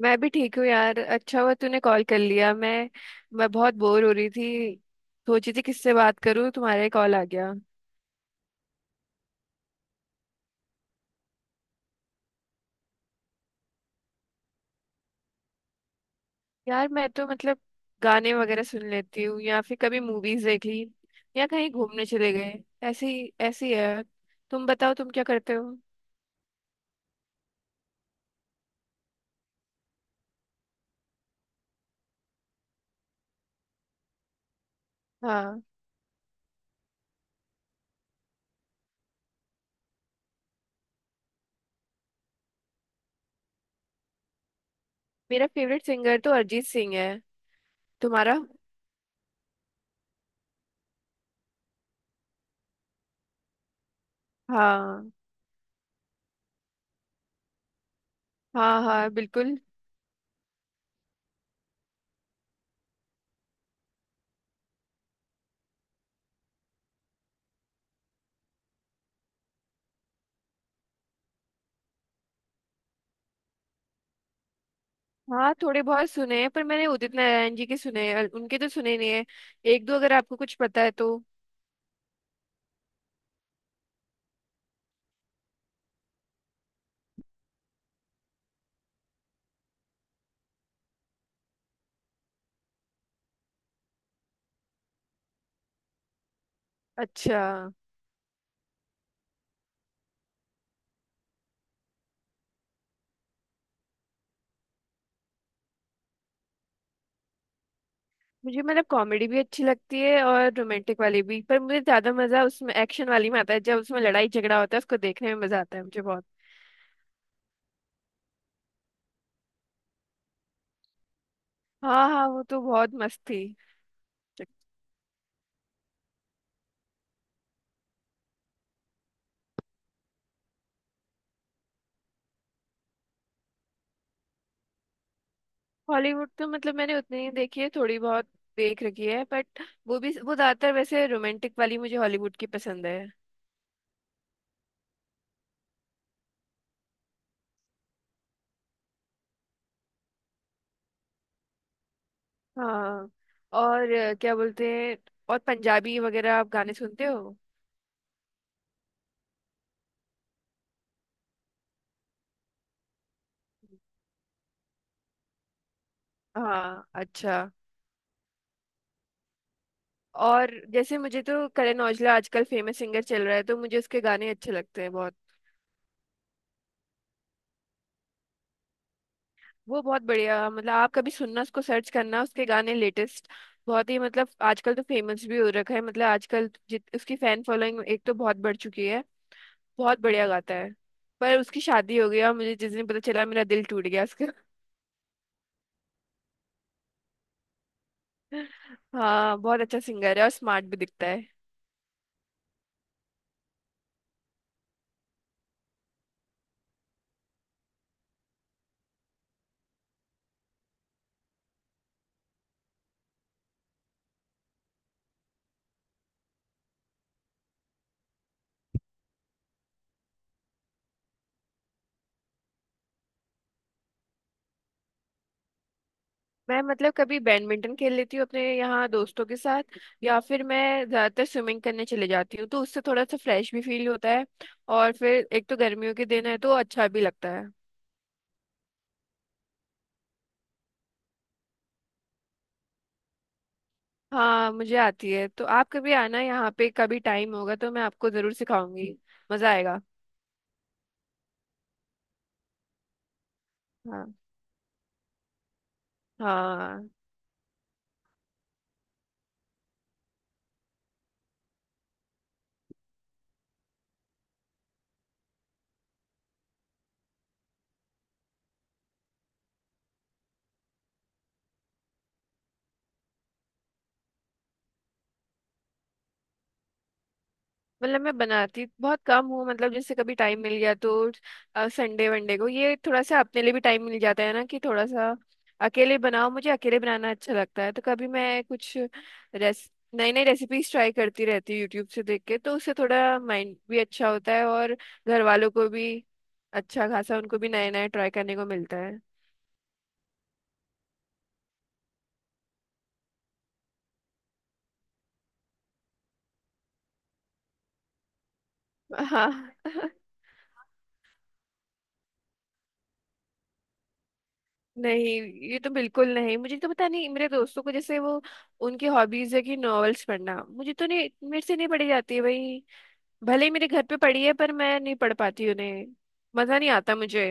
मैं भी ठीक हूँ यार। अच्छा हुआ तूने कॉल कर लिया। मैं बहुत बोर हो रही थी। सोची थी किससे बात करूँ, तुम्हारे कॉल आ गया। यार मैं तो मतलब गाने वगैरह सुन लेती हूँ, या फिर कभी मूवीज देख ली, या कहीं घूमने चले गए। ऐसी ऐसी है। तुम बताओ तुम क्या करते हो। हाँ, मेरा फेवरेट सिंगर तो अरिजीत सिंह है। तुम्हारा? हाँ हाँ, हाँ बिल्कुल। हाँ थोड़े बहुत सुने हैं, पर मैंने उदित नारायण जी के सुने हैं और उनके तो सुने नहीं है। एक दो अगर आपको कुछ पता है तो। अच्छा। मुझे मतलब कॉमेडी भी अच्छी लगती है और रोमांटिक वाली भी, पर मुझे ज्यादा मजा उसमें एक्शन वाली में आता है। जब उसमें लड़ाई झगड़ा होता है उसको देखने में मजा आता है मुझे बहुत। हाँ हाँ, वो तो बहुत मस्त थी। हॉलीवुड तो मतलब मैंने उतनी ही देखी है, थोड़ी बहुत देख रखी है, बट वो भी, वो ज्यादातर वैसे रोमांटिक वाली मुझे हॉलीवुड की पसंद है। हाँ और क्या बोलते हैं, और पंजाबी वगैरह आप गाने सुनते हो? हाँ अच्छा। और जैसे मुझे तो करण औजला आजकल फेमस सिंगर चल रहा है, तो मुझे उसके गाने अच्छे लगते हैं बहुत। वो बहुत बढ़िया, मतलब आप कभी सुनना, उसको सर्च करना उसके गाने लेटेस्ट। बहुत ही मतलब आजकल तो फेमस भी हो रखा है। मतलब आजकल जित उसकी फैन फॉलोइंग एक तो बहुत बढ़ चुकी है। बहुत बढ़िया गाता है। पर उसकी शादी हो गई, और मुझे जिस दिन पता चला मेरा दिल टूट गया उसका। हाँ, बहुत अच्छा सिंगर है और स्मार्ट भी दिखता है। मैं मतलब कभी बैडमिंटन खेल लेती हूँ अपने यहाँ दोस्तों के साथ। या फिर मैं ज्यादातर स्विमिंग करने चले जाती हूँ, तो उससे थोड़ा सा फ्रेश भी फील होता है। और फिर एक तो गर्मियों के दिन है तो अच्छा भी लगता है। हाँ मुझे आती है, तो आप कभी आना यहाँ पे, कभी टाइम होगा तो मैं आपको जरूर सिखाऊंगी। मजा आएगा। हाँ। हाँ। मतलब मैं बनाती बहुत कम हूँ, मतलब जैसे कभी टाइम मिल गया तो संडे वनडे को ये थोड़ा सा अपने लिए भी टाइम मिल जाता है ना, कि थोड़ा सा अकेले बनाओ, मुझे अकेले बनाना अच्छा लगता है। तो कभी मैं कुछ रेस नई नई रेसिपीज ट्राई करती रहती हूँ यूट्यूब से देख के, तो उससे थोड़ा माइंड भी अच्छा होता है, और घर वालों को भी अच्छा खासा उनको भी नए नए ट्राई करने को मिलता है। हाँ। नहीं, ये तो बिल्कुल नहीं। मुझे तो पता नहीं, मेरे दोस्तों को जैसे वो, उनकी हॉबीज है कि नॉवेल्स पढ़ना, मुझे तो नहीं, मेरे से नहीं पढ़ी जाती है भाई। भले ही मेरे घर पे पढ़ी है पर मैं नहीं पढ़ पाती उन्हें। मजा नहीं आता मुझे।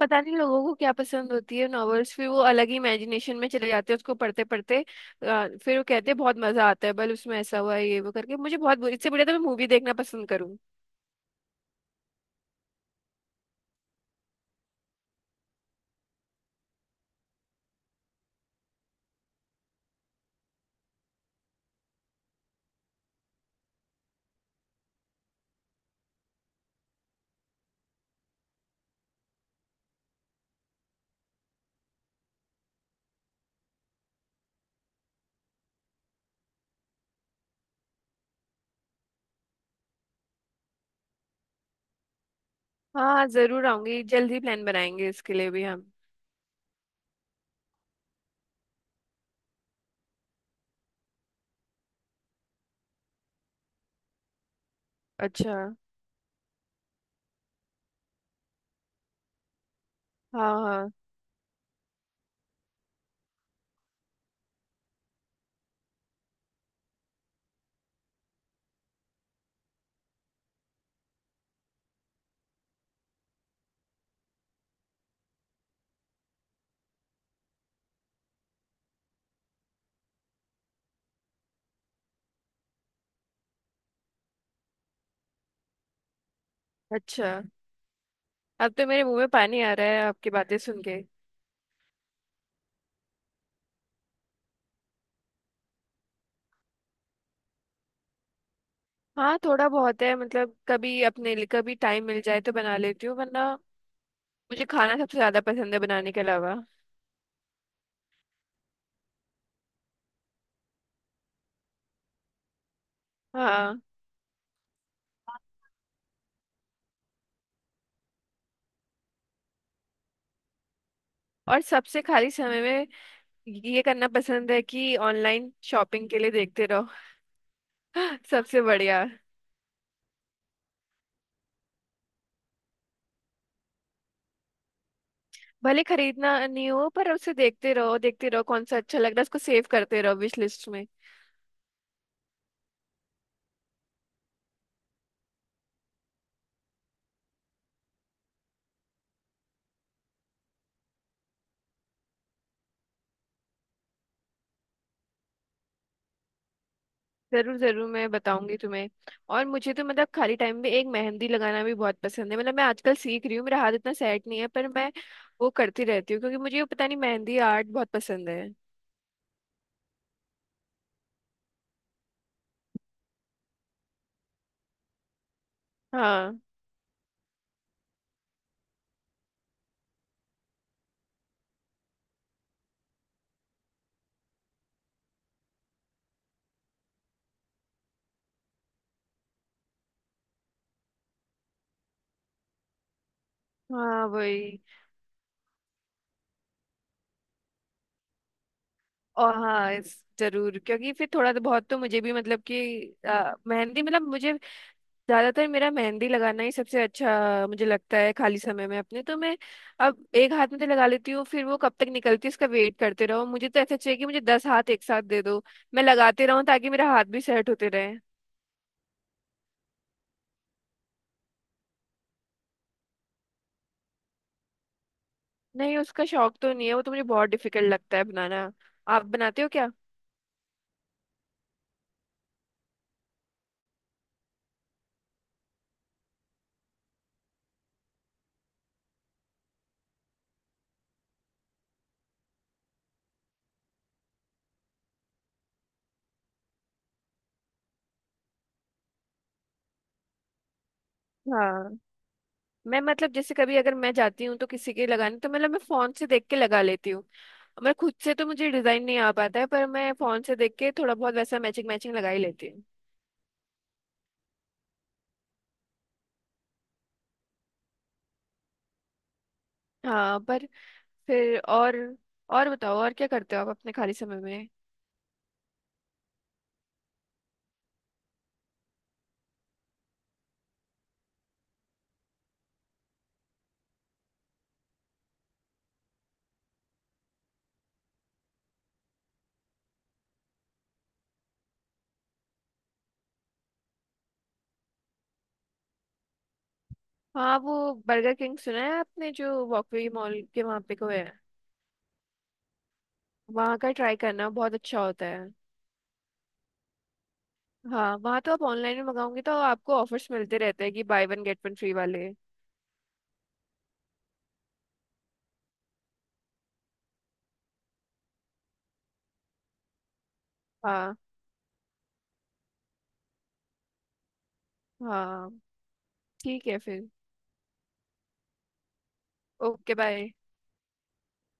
पता नहीं लोगों को क्या पसंद होती है नॉवेल्स, फिर वो अलग ही इमेजिनेशन में चले जाते हैं उसको पढ़ते पढ़ते। फिर वो कहते हैं बहुत मजा आता है, बल उसमें ऐसा हुआ ये वो करके, मुझे बहुत बुरी, इससे बढ़िया तो मैं मूवी देखना पसंद करूँ। हाँ जरूर आऊंगी, जल्दी प्लान बनाएंगे इसके लिए भी हम। अच्छा। हाँ हाँ। अच्छा अब तो मेरे मुंह में पानी आ रहा है आपकी बातें सुन के। हाँ थोड़ा बहुत है, मतलब कभी अपने लिए कभी टाइम मिल जाए तो बना लेती हूँ, वरना मुझे खाना सबसे ज्यादा पसंद है बनाने के अलावा। हाँ। और सबसे खाली समय में ये करना पसंद है कि ऑनलाइन शॉपिंग के लिए देखते रहो। सबसे बढ़िया। भले खरीदना नहीं हो पर उसे देखते रहो, देखते रहो कौन सा अच्छा लग रहा है उसको सेव करते रहो विश लिस्ट में। जरूर जरूर, मैं बताऊंगी तुम्हें। और मुझे तो मतलब खाली टाइम में एक मेहंदी लगाना भी बहुत पसंद है। मतलब मैं आजकल सीख रही हूँ, मेरा हाथ इतना सेट नहीं है, पर मैं वो करती रहती हूँ क्योंकि मुझे ये पता नहीं मेहंदी आर्ट बहुत पसंद है। हाँ। हाँ वही। और हाँ इस- जरूर, क्योंकि फिर थोड़ा तो बहुत तो मुझे भी मतलब कि मेहंदी, मतलब मुझे ज्यादातर मेरा मेहंदी लगाना ही सबसे अच्छा मुझे लगता है खाली समय में अपने। तो मैं अब एक हाथ में तो लगा लेती हूँ, फिर वो कब तक निकलती है उसका वेट करते रहो। मुझे तो ऐसा चाहिए कि मुझे 10 हाथ एक साथ दे दो, मैं लगाते रहूँ ताकि मेरा हाथ भी सेट होते रहे। नहीं उसका शौक तो नहीं है, वो तो मुझे बहुत डिफिकल्ट लगता है बनाना। आप बनाते हो क्या? हाँ मैं मतलब जैसे कभी अगर मैं जाती हूँ तो किसी के लगाने, तो मतलब मैं फोन से देख के लगा लेती हूँ। मैं खुद से तो मुझे डिजाइन नहीं आ पाता है, पर मैं फोन से देख के थोड़ा बहुत वैसा मैचिंग मैचिंग लगा ही लेती हूँ। हाँ पर फिर और बताओ और क्या करते हो आप अपने खाली समय में। हाँ वो बर्गर किंग सुना है आपने, जो वॉकवे मॉल के वहाँ पे को है? वहाँ का ट्राई करना, बहुत अच्छा होता है। हाँ वहाँ तो आप ऑनलाइन में मंगाओगे तो आपको ऑफर्स मिलते रहते हैं कि buy one get one free वाले। हाँ। हाँ ठीक है फिर। Okay bye.